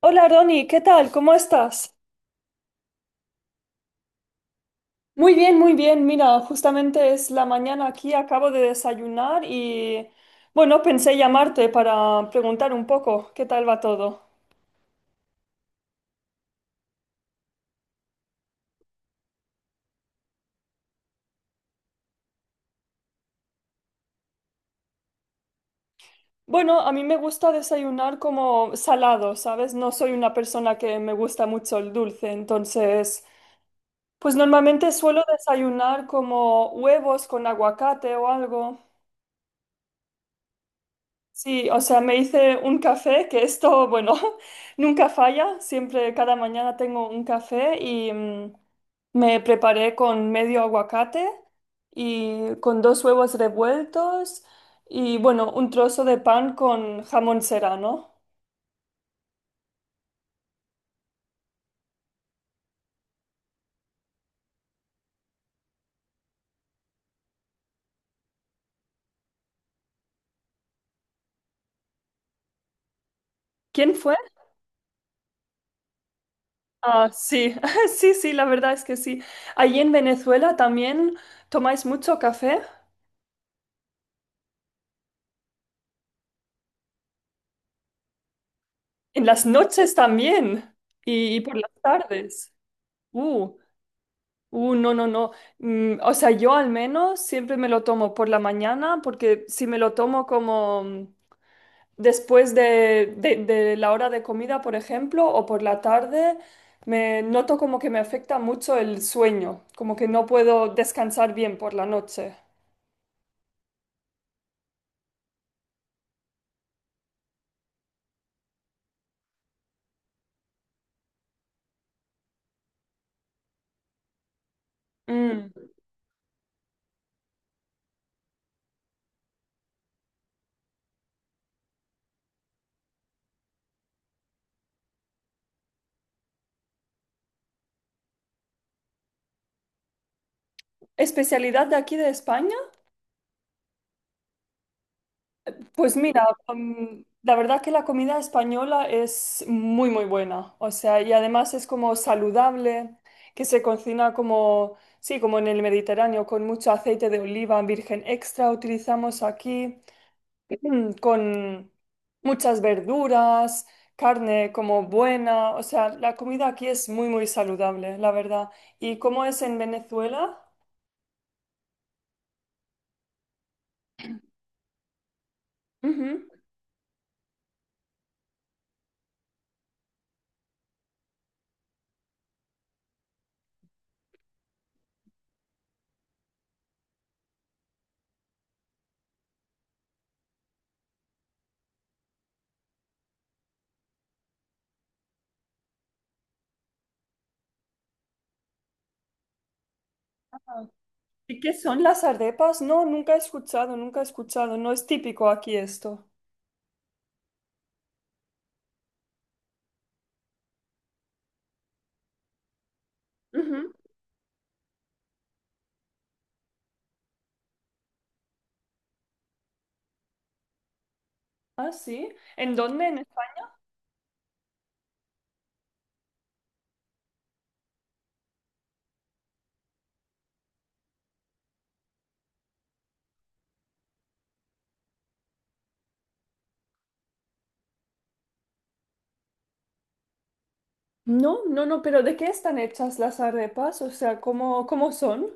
Hola Ronnie, ¿qué tal? ¿Cómo estás? Muy bien, muy bien. Mira, justamente es la mañana aquí, acabo de desayunar y bueno, pensé llamarte para preguntar un poco qué tal va todo. Bueno, a mí me gusta desayunar como salado, ¿sabes? No soy una persona que me gusta mucho el dulce, entonces, pues normalmente suelo desayunar como huevos con aguacate o algo. Sí, o sea, me hice un café, que esto, bueno, nunca falla, siempre cada mañana tengo un café y me preparé con medio aguacate y con dos huevos revueltos y bueno, un trozo de pan con jamón serrano. ¿Quién fue? Ah, sí, sí, sí, la verdad es que sí. Allí en Venezuela también tomáis mucho café, en las noches también y por las tardes. Uh. No, no, no. Mm, o sea, yo al menos siempre me lo tomo por la mañana porque si me lo tomo como después de la hora de comida, por ejemplo, o por la tarde, me noto como que me afecta mucho el sueño, como que no puedo descansar bien por la noche. Mm. ¿Especialidad de aquí de España? Pues mira, la verdad que la comida española es muy, muy buena. O sea, y además es como saludable, que se cocina como, sí, como en el Mediterráneo, con mucho aceite de oliva virgen extra utilizamos aquí, con muchas verduras, carne como buena. O sea, la comida aquí es muy, muy saludable, la verdad. ¿Y cómo es en Venezuela? Ujú. ¿Y qué son las arepas? No, nunca he escuchado, nunca he escuchado. No es típico aquí esto. Ujú. Ah, sí. ¿En dónde? No, no, no, pero ¿de qué están hechas las arepas? O sea, ¿cómo, cómo son?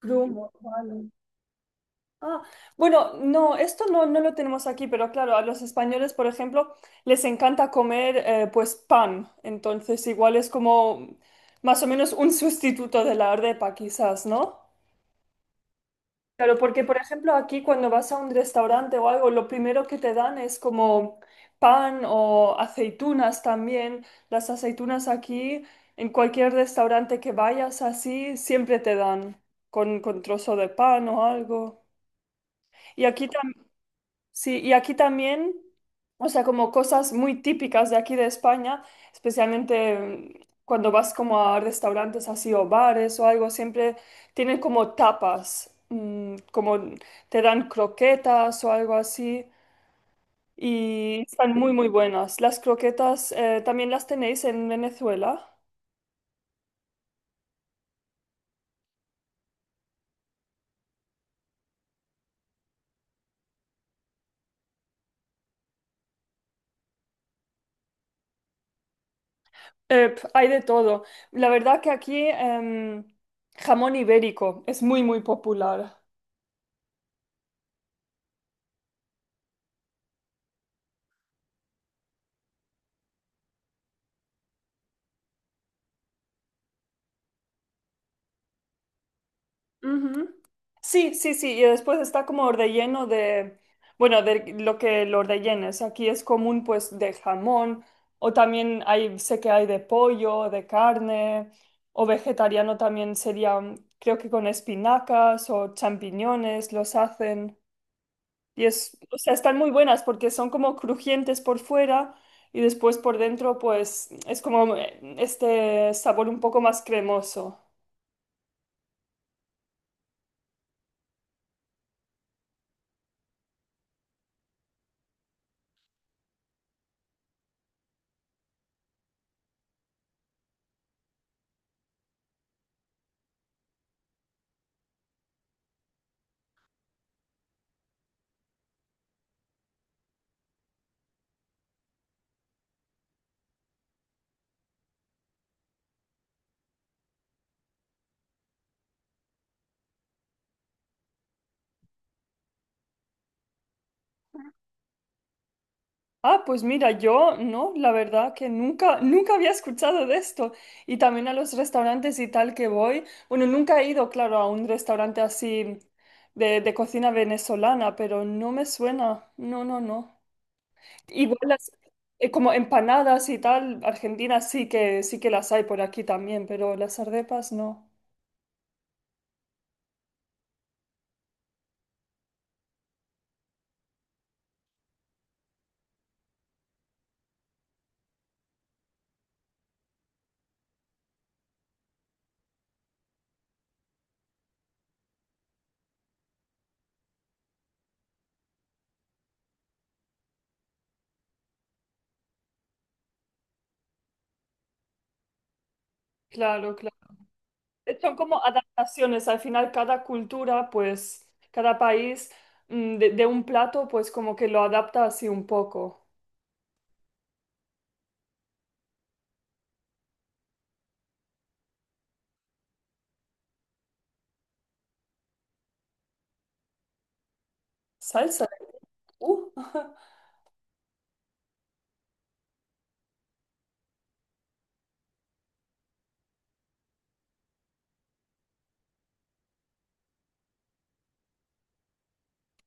Grumo, vale. Ah, bueno, no, esto no, no lo tenemos aquí, pero claro, a los españoles, por ejemplo, les encanta comer pues pan. Entonces, igual es como más o menos un sustituto de la arepa, quizás, ¿no? Claro, porque por ejemplo aquí cuando vas a un restaurante o algo, lo primero que te dan es como pan o aceitunas también. Las aceitunas aquí, en cualquier restaurante que vayas así, siempre te dan con trozo de pan o algo. Y aquí sí, y aquí también, o sea, como cosas muy típicas de aquí de España, especialmente cuando vas como a restaurantes así o bares o algo, siempre tienen como tapas, como te dan croquetas o algo así, y están muy, muy buenas. Las croquetas también las tenéis en Venezuela. Pf, hay de todo. La verdad que aquí jamón ibérico es muy, muy popular. Ujú. Sí, sí, sí, y después está como relleno de, bueno, de lo que lo rellenes. Aquí es común pues de jamón o también hay, sé que hay de pollo, de carne o vegetariano también sería, creo que con espinacas o champiñones los hacen. Y es, o sea, están muy buenas porque son como crujientes por fuera y después por dentro pues es como este sabor un poco más cremoso. Ah, pues mira, yo no, la verdad que nunca, nunca había escuchado de esto. Y también a los restaurantes y tal que voy. Bueno, nunca he ido, claro, a un restaurante así de cocina venezolana, pero no me suena. No, no, no. Igual las, como empanadas y tal, Argentina sí que las hay por aquí también, pero las arepas no. Claro, claro. Son como adaptaciones, al final cada cultura, pues cada país de un plato, pues como que lo adapta así un poco. Salsa. Uh.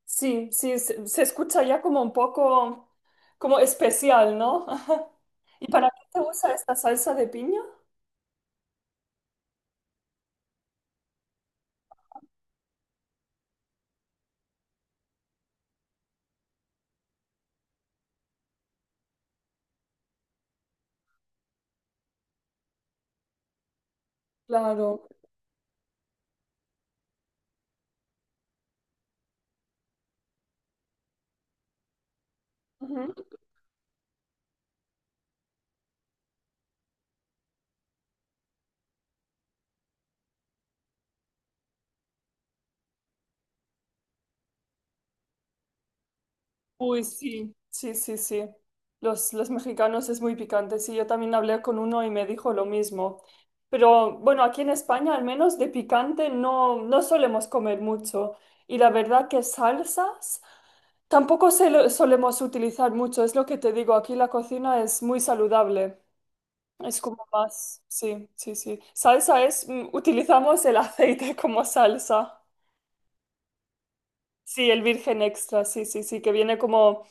Sí, sí, se escucha ya como un poco como especial, ¿no? ¿Y para qué te usa esta salsa de piña? Claro. Uy, sí, sí, sí, sí. Los mexicanos es muy picante. Sí, yo también hablé con uno y me dijo lo mismo. Pero bueno, aquí en España al menos de picante no, no solemos comer mucho. Y la verdad que salsas tampoco solemos utilizar mucho. Es lo que te digo, aquí la cocina es muy saludable. Es como más, sí, sí, sí. Salsa es, utilizamos el aceite como salsa. Sí, el virgen extra, sí, sí, sí, que viene como...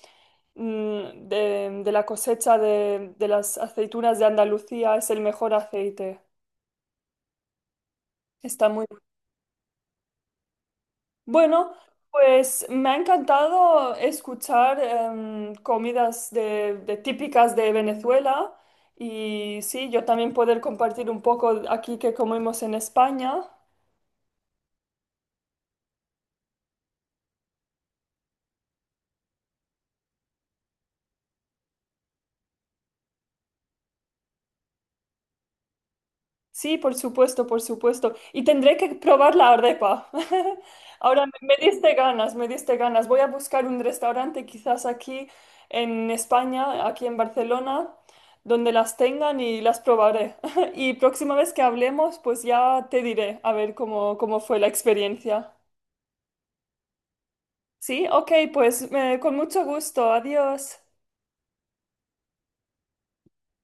de la cosecha de las aceitunas de Andalucía es el mejor aceite. Está muy bueno. Pues me ha encantado escuchar comidas de típicas de Venezuela y sí, yo también poder compartir un poco aquí que comemos en España. Sí, por supuesto, por supuesto. Y tendré que probar la arepa. Ahora me, me diste ganas, me diste ganas. Voy a buscar un restaurante quizás aquí en España, aquí en Barcelona, donde las tengan y las probaré. Y próxima vez que hablemos, pues ya te diré a ver cómo, cómo fue la experiencia. Sí, ok, pues con mucho gusto. Adiós.